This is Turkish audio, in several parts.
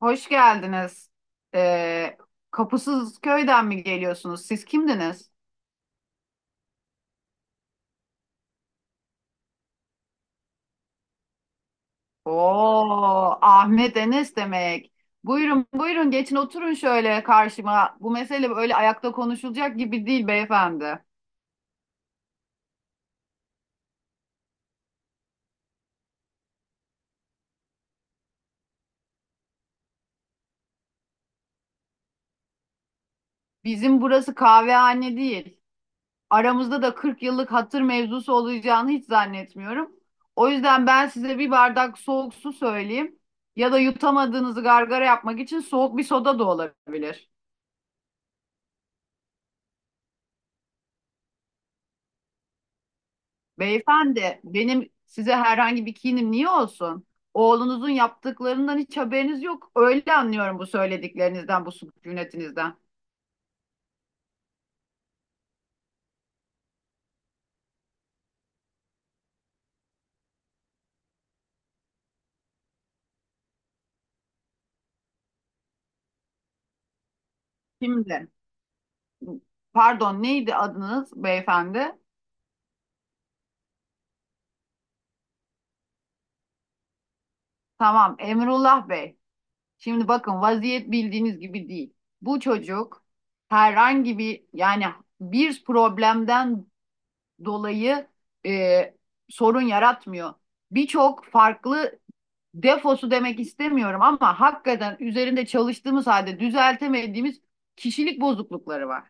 Hoş geldiniz. Ee, Kapısız köyden mi geliyorsunuz? Siz kimdiniz? Oo, Ahmet Enes demek. Buyurun, buyurun, geçin oturun şöyle karşıma. Bu mesele böyle ayakta konuşulacak gibi değil beyefendi. Bizim burası kahvehane değil. Aramızda da 40 yıllık hatır mevzusu olacağını hiç zannetmiyorum. O yüzden ben size bir bardak soğuk su söyleyeyim. Ya da yutamadığınızı gargara yapmak için soğuk bir soda da olabilir. Beyefendi, benim size herhangi bir kinim niye olsun? Oğlunuzun yaptıklarından hiç haberiniz yok. Öyle anlıyorum bu söylediklerinizden, bu sükunetinizden. Şimdi, pardon, neydi adınız beyefendi? Tamam, Emrullah Bey. Şimdi bakın, vaziyet bildiğiniz gibi değil. Bu çocuk herhangi bir, yani bir problemden dolayı e, sorun yaratmıyor. Birçok farklı defosu demek istemiyorum ama hakikaten üzerinde çalıştığımız halde düzeltemediğimiz kişilik bozuklukları var.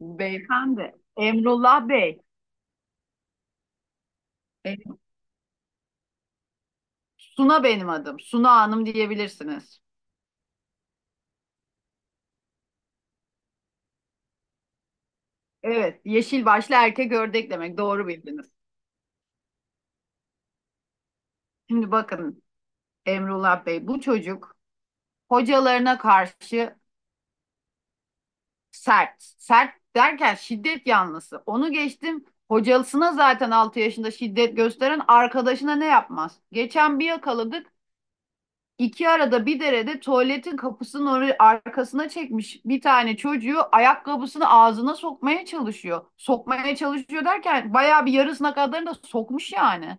Beyefendi, Emrullah Bey, e, Suna benim adım, Suna Hanım diyebilirsiniz. Evet, yeşil başlı erkek ördek demek, doğru bildiniz. Şimdi bakın Emrullah Bey, bu çocuk hocalarına karşı sert. Sert derken şiddet yanlısı. Onu geçtim. Hocasına zaten 6 yaşında şiddet gösteren, arkadaşına ne yapmaz? Geçen bir yakaladık. İki arada bir derede tuvaletin kapısının oraya arkasına çekmiş, bir tane çocuğu ayakkabısını ağzına sokmaya çalışıyor. Sokmaya çalışıyor derken bayağı bir yarısına kadarını da sokmuş yani.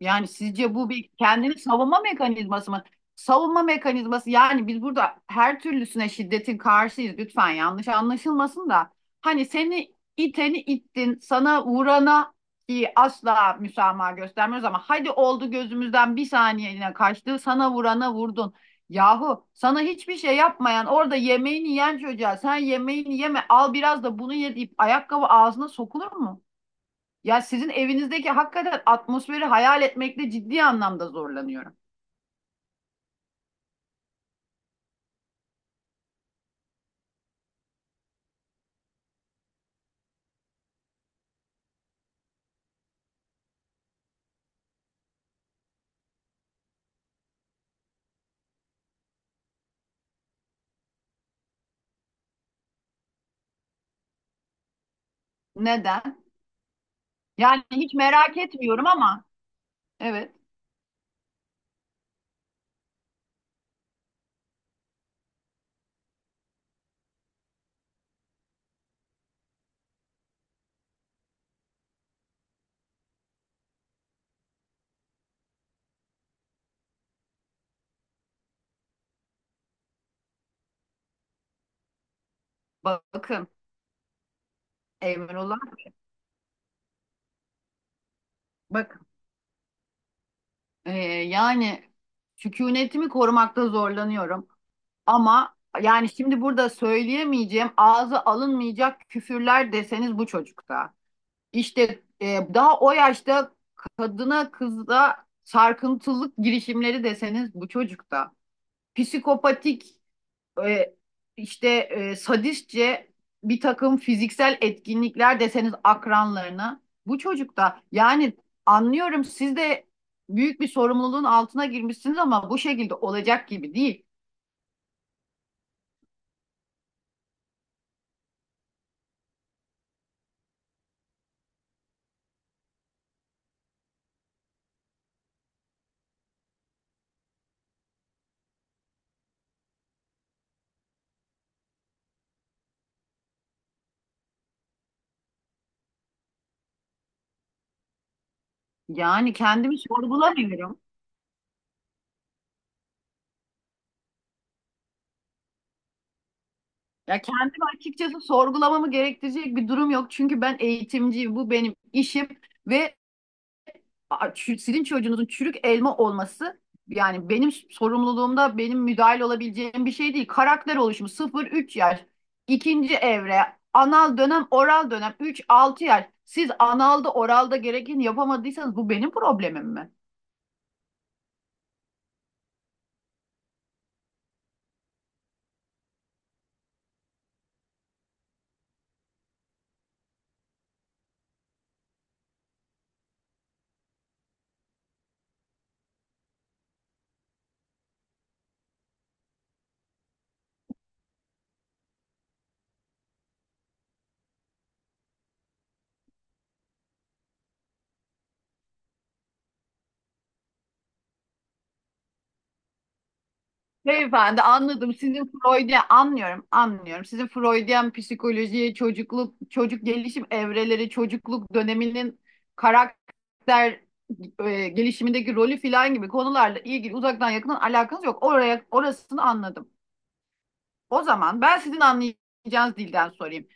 Yani sizce bu bir kendini savunma mekanizması mı? Savunma mekanizması, yani biz burada her türlüsüne şiddetin karşıyız. Lütfen yanlış anlaşılmasın da. Hani seni iteni ittin, sana vurana ki asla müsamaha göstermiyoruz, ama hadi oldu gözümüzden bir saniyeliğine kaçtı, sana vurana vurdun. Yahu sana hiçbir şey yapmayan, orada yemeğini yiyen çocuğa, sen yemeğini yeme al biraz da bunu ye deyip ayakkabı ağzına sokulur mu? Ya sizin evinizdeki hakikaten atmosferi hayal etmekte ciddi anlamda zorlanıyorum. Neden? Yani hiç merak etmiyorum ama, evet. Bakın Emrullah, bakın. Ee, yani sükunetimi korumakta zorlanıyorum ama yani, şimdi burada söyleyemeyeceğim ağzı alınmayacak küfürler deseniz bu çocukta. İşte daha o yaşta kadına kızda sarkıntılık girişimleri deseniz bu çocukta. Psikopatik e, işte sadistçe bir takım fiziksel etkinlikler deseniz akranlarına, bu çocukta yani. Anlıyorum, siz de büyük bir sorumluluğun altına girmişsiniz ama bu şekilde olacak gibi değil. Yani kendimi sorgulamıyorum. Ya kendimi açıkçası sorgulamamı gerektirecek bir durum yok. Çünkü ben eğitimciyim. Bu benim işim ve sizin çocuğunuzun çürük elma olması, yani benim sorumluluğumda, benim müdahil olabileceğim bir şey değil. Karakter oluşumu 0-3 yaş, ikinci evre, anal dönem, oral dönem 3-6 yaş. Siz analda oralda gerekeni yapamadıysanız bu benim problemim mi? Beyefendi, anladım. Sizin Freud'a, anlıyorum, anlıyorum. Sizin Freudian psikolojiye, çocukluk, çocuk gelişim evreleri, çocukluk döneminin karakter gelişimindeki rolü filan gibi konularla ilgili uzaktan yakından alakanız yok. Orasını anladım. O zaman ben sizin anlayacağınız dilden sorayım.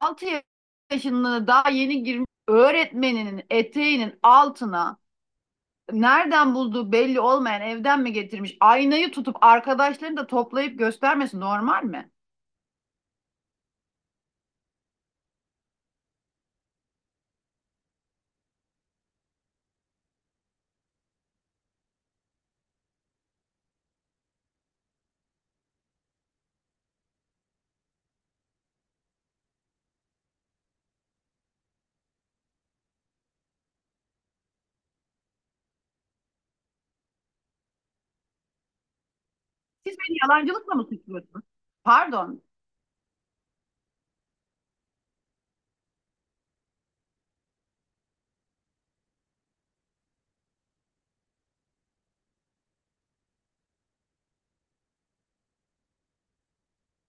6 yaşında daha yeni girmiş, öğretmeninin eteğinin altına nereden bulduğu belli olmayan, evden mi getirmiş, aynayı tutup arkadaşlarını da toplayıp göstermesi normal mi? Siz beni yalancılıkla mı suçluyorsunuz? Pardon.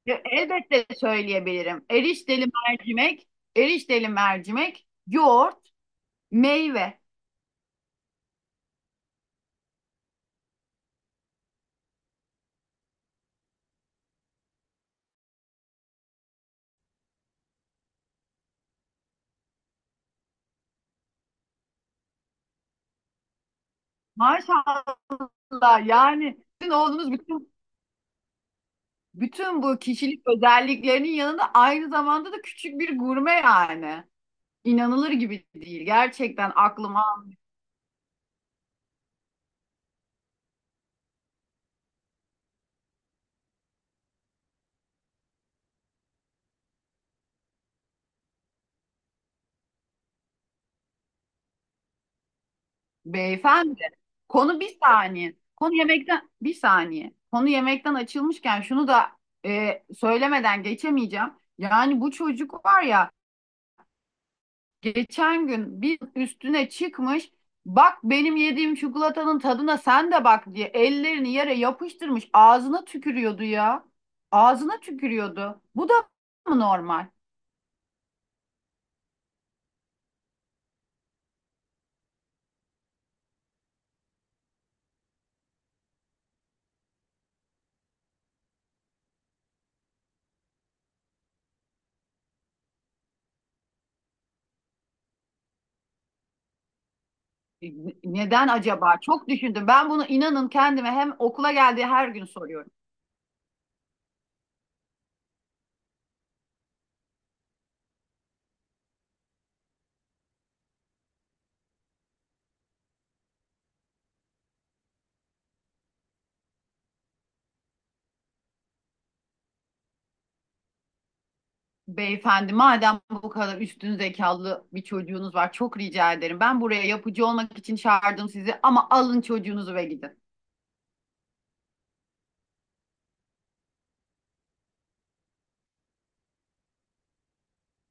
Elbette söyleyebilirim. Erişteli mercimek, yoğurt, meyve. Maşallah, yani sizin oğlunuz bütün bu kişilik özelliklerinin yanında aynı zamanda da küçük bir gurme yani. İnanılır gibi değil. Gerçekten aklıma Beyefendi, konu bir saniye. Konu yemekten bir saniye. Konu yemekten açılmışken şunu da söylemeden geçemeyeceğim. Yani bu çocuk var ya, geçen gün bir üstüne çıkmış. Bak, benim yediğim çikolatanın tadına sen de bak diye ellerini yere yapıştırmış. Ağzına tükürüyordu ya. Ağzına tükürüyordu. Bu da mı normal? E, Neden acaba? Çok düşündüm. Ben bunu inanın kendime hem, okula geldiği her gün soruyorum. Beyefendi, madem bu kadar üstün zekalı bir çocuğunuz var, çok rica ederim. Ben buraya yapıcı olmak için çağırdım sizi ama alın çocuğunuzu ve gidin.